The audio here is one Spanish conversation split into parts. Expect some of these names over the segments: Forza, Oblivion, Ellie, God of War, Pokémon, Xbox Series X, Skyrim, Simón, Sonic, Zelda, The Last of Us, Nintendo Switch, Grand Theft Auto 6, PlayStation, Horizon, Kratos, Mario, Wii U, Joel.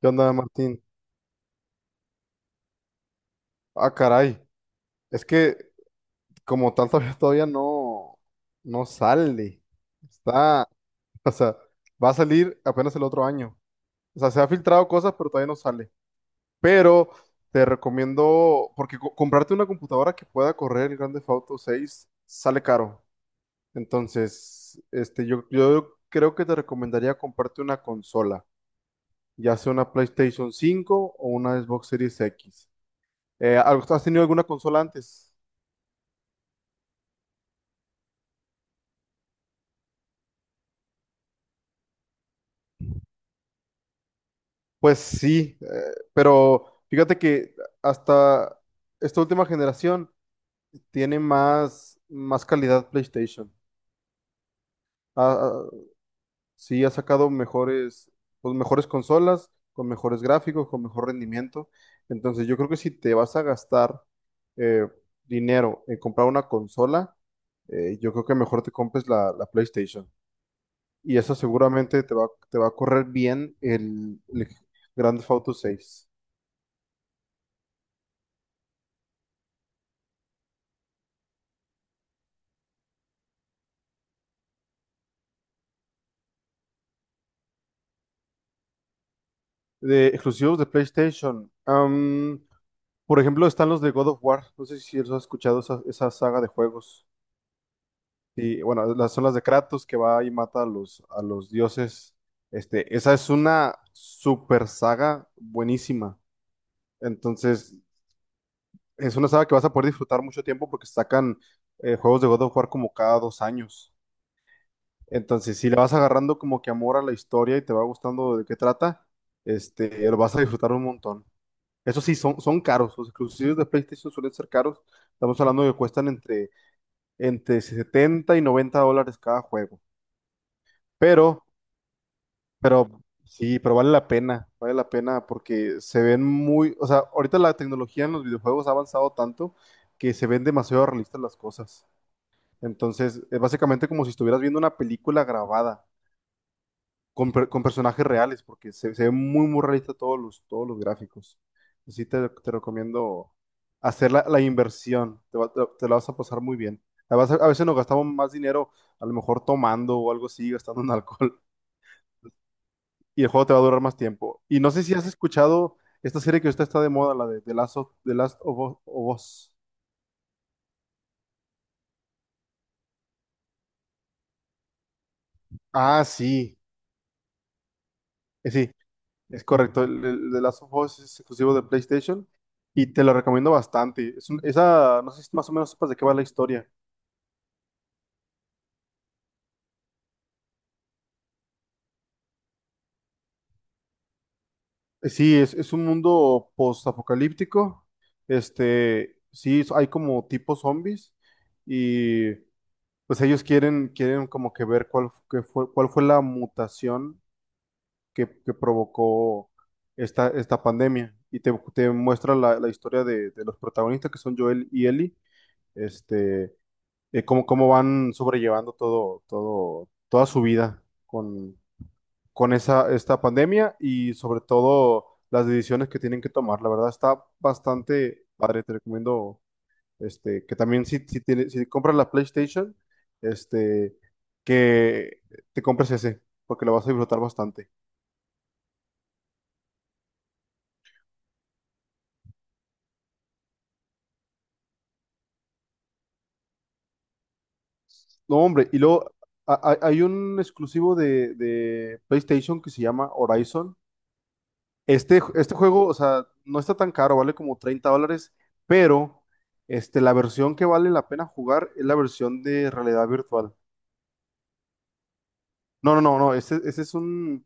¿Qué onda, Martín? Ah, caray. Es que como tal todavía no sale. Está, o sea, va a salir apenas el otro año. O sea, se ha filtrado cosas, pero todavía no sale. Pero te recomiendo, porque comprarte una computadora que pueda correr el Grand Theft Auto 6 sale caro. Entonces, yo creo que te recomendaría comprarte una consola, ya sea una PlayStation cinco o una Xbox Series X. ¿Has tenido alguna consola antes? Pues sí, pero fíjate que hasta esta última generación tiene más calidad PlayStation. Ah, ah, sí, ha sacado mejores, pues mejores consolas, con mejores gráficos, con mejor rendimiento. Entonces yo creo que si te vas a gastar eh, dinero en comprar una consola, yo creo que mejor te compres la PlayStation. Y eso seguramente te va a correr bien el Grand Theft Auto 6. De exclusivos de PlayStation. Por ejemplo, están los de God of War. No sé si has escuchado esa saga de juegos. Y bueno, las son las de Kratos que va y mata a a los dioses. Este, esa es una super saga buenísima. Entonces, es una saga que vas a poder disfrutar mucho tiempo porque sacan juegos de God of War como cada 2 años. Entonces, si le vas agarrando como que amor a la historia y te va gustando de qué trata, lo vas a disfrutar un montón. Eso sí, son caros. Los exclusivos de PlayStation suelen ser caros. Estamos hablando de que cuestan entre $70 y $90 cada juego. Pero, pero sí, pero vale la pena. Vale la pena porque se ven muy. O sea, ahorita la tecnología en los videojuegos ha avanzado tanto que se ven demasiado realistas las cosas. Entonces, es básicamente como si estuvieras viendo una película grabada. Con personajes reales, porque se ve muy realista todos los gráficos. Así te recomiendo hacer la inversión, te la vas a pasar muy bien. A veces nos gastamos más dinero, a lo mejor tomando o algo así, gastando en alcohol, y el juego te va a durar más tiempo. Y no sé si has escuchado esta serie que ahorita está de moda, la de The Last of Us. Ah, sí. Sí. Es correcto, el The Last of Us es exclusivo de PlayStation y te lo recomiendo bastante. Esa, no sé si más o menos sepas de qué va la historia. Sí, es un mundo post-apocalíptico. Este, sí, hay como tipo zombies y pues ellos quieren como que ver qué fue, cuál fue la mutación que provocó esta pandemia. Y te muestra la historia de los protagonistas que son Joel y Ellie. Este, cómo van sobrellevando toda su vida con esta pandemia y sobre todo las decisiones que tienen que tomar. La verdad está bastante padre, te recomiendo que también si compras la PlayStation, este, que te compres ese, porque lo vas a disfrutar bastante. No, hombre, y luego... Hay un exclusivo de PlayStation que se llama Horizon. Este juego, o sea, no está tan caro, vale como $30, pero la versión que vale la pena jugar es la versión de realidad virtual. No, ese es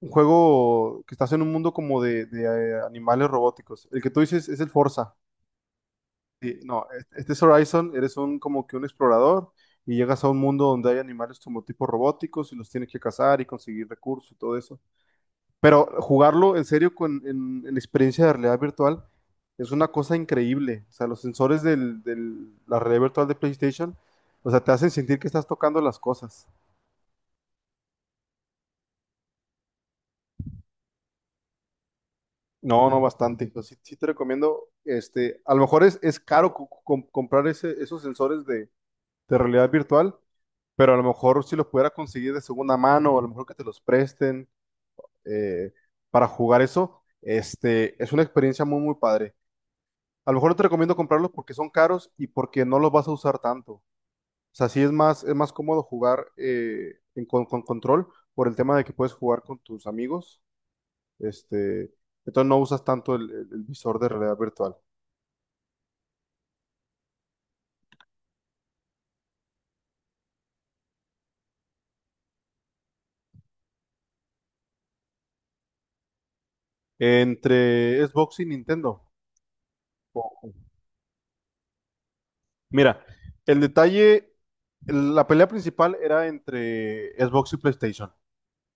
un juego que estás en un mundo como de animales robóticos. El que tú dices es el Forza. Sí, no, este es Horizon, eres un como que un explorador y llegas a un mundo donde hay animales como tipo robóticos y los tienes que cazar y conseguir recursos y todo eso. Pero jugarlo en serio en experiencia de realidad virtual es una cosa increíble. O sea, los sensores del, del- la realidad virtual de PlayStation, o sea, te hacen sentir que estás tocando las cosas. No, no, bastante. Entonces, sí, sí te recomiendo, a lo mejor es caro comprar ese, esos sensores de realidad virtual, pero a lo mejor si los pudiera conseguir de segunda mano, o a lo mejor que te los presten eh, para jugar eso, es una experiencia muy padre. A lo mejor no te recomiendo comprarlos porque son caros y porque no los vas a usar tanto. O sea, sí es más cómodo jugar con control por el tema de que puedes jugar con tus amigos. Este, entonces no usas tanto el visor de realidad virtual. Entre Xbox y Nintendo. O- Mira, el detalle, la pelea principal era entre Xbox y PlayStation.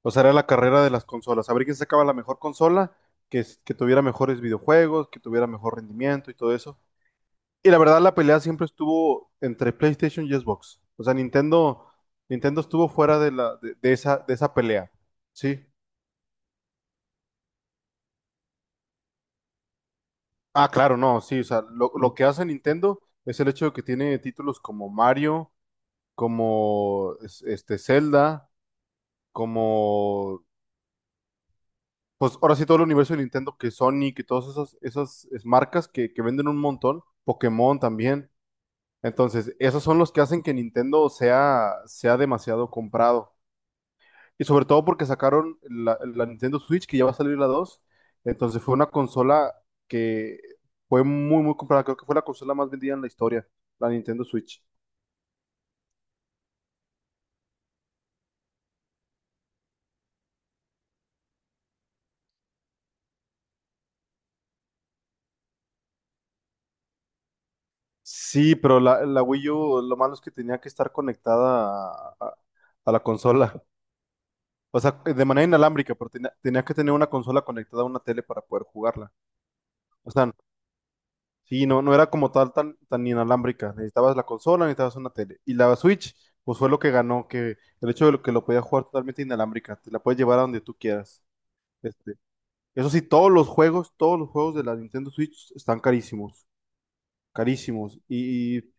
O sea, era la carrera de las consolas. A ver quién sacaba la mejor consola, que tuviera mejores videojuegos, que tuviera mejor rendimiento y todo eso. Y la verdad, la pelea siempre estuvo entre PlayStation y Xbox. O sea, Nintendo estuvo fuera de de de esa pelea. Sí. Ah, claro, no, sí. O sea, lo que hace Nintendo es el hecho de que tiene títulos como Mario, como Zelda, como pues ahora sí todo el universo de Nintendo, que Sonic y todas marcas que venden un montón, Pokémon también. Entonces, esos son los que hacen que Nintendo sea demasiado comprado. Y sobre todo porque sacaron la Nintendo Switch, que ya va a salir la dos. Entonces fue una consola que fue muy comprada. Creo que fue la consola más vendida en la historia, la Nintendo Switch. Sí, pero la Wii U, lo malo es que tenía que estar conectada a la consola. O sea, de manera inalámbrica, pero tenía que tener una consola conectada a una tele para poder jugarla. O sea, sí, no, no era como tal tan inalámbrica. Necesitabas la consola, necesitabas una tele. Y la Switch, pues fue lo que ganó, que el hecho de lo que lo podías jugar totalmente inalámbrica, te la puedes llevar a donde tú quieras. Este, eso sí, todos los juegos de la Nintendo Switch están carísimos, carísimos. Y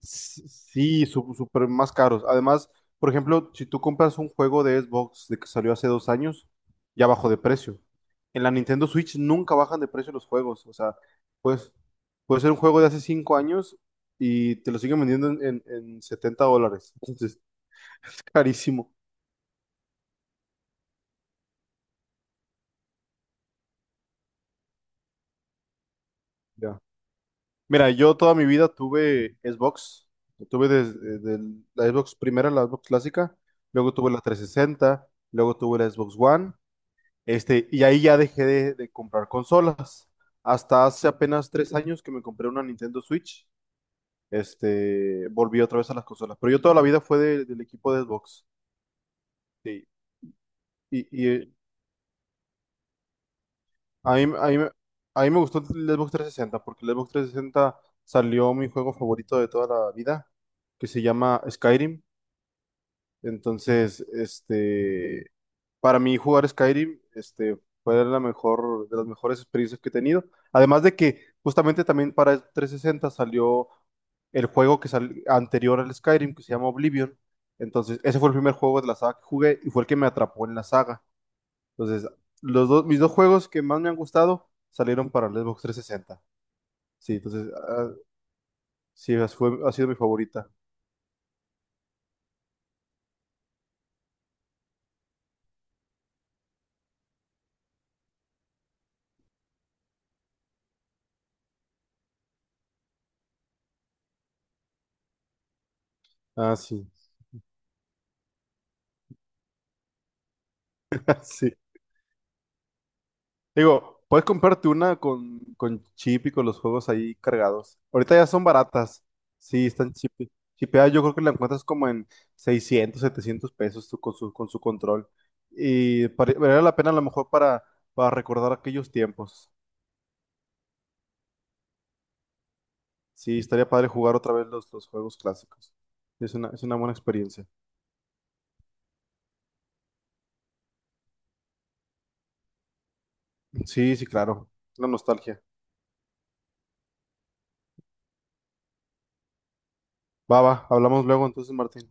sí, súper más caros. Además, por ejemplo, si tú compras un juego de Xbox de que salió hace 2 años, ya bajó de precio. En la Nintendo Switch nunca bajan de precio los juegos. O sea, pues puede ser un juego de hace 5 años y te lo siguen vendiendo en $70. Entonces, es carísimo. Ya. Mira, yo toda mi vida tuve Xbox. Lo tuve desde la Xbox primera, la Xbox clásica. Luego tuve la 360. Luego tuve la Xbox One. Este, y ahí ya dejé de comprar consolas. Hasta hace apenas 3 años que me compré una Nintendo Switch, volví otra vez a las consolas. Pero yo toda la vida fue del equipo de Xbox. Sí. Y a mí, a mí me a mí me gustó el Xbox 360 porque el Xbox 360 salió mi juego favorito de toda la vida, que se llama Skyrim. Entonces, para mí jugar Skyrim, fue de las mejores experiencias que he tenido. Además de que justamente también para 360 salió el juego que salió anterior al Skyrim, que se llama Oblivion. Entonces, ese fue el primer juego de la saga que jugué y fue el que me atrapó en la saga. Entonces, mis dos juegos que más me han gustado salieron para el Xbox 360. Sí, sí, ha sido mi favorita. Ah, sí, sí. Digo, puedes comprarte una con chip y con los juegos ahí cargados. Ahorita ya son baratas. Sí, chipeadas. Yo creo que la encuentras como en 600, 700 pesos tú con su control. Valdría la pena a lo mejor para recordar aquellos tiempos. Sí, estaría padre jugar otra vez los juegos clásicos. Es una buena experiencia. Sí, sí, claro. La nostalgia. Va, va, hablamos luego entonces, Martín.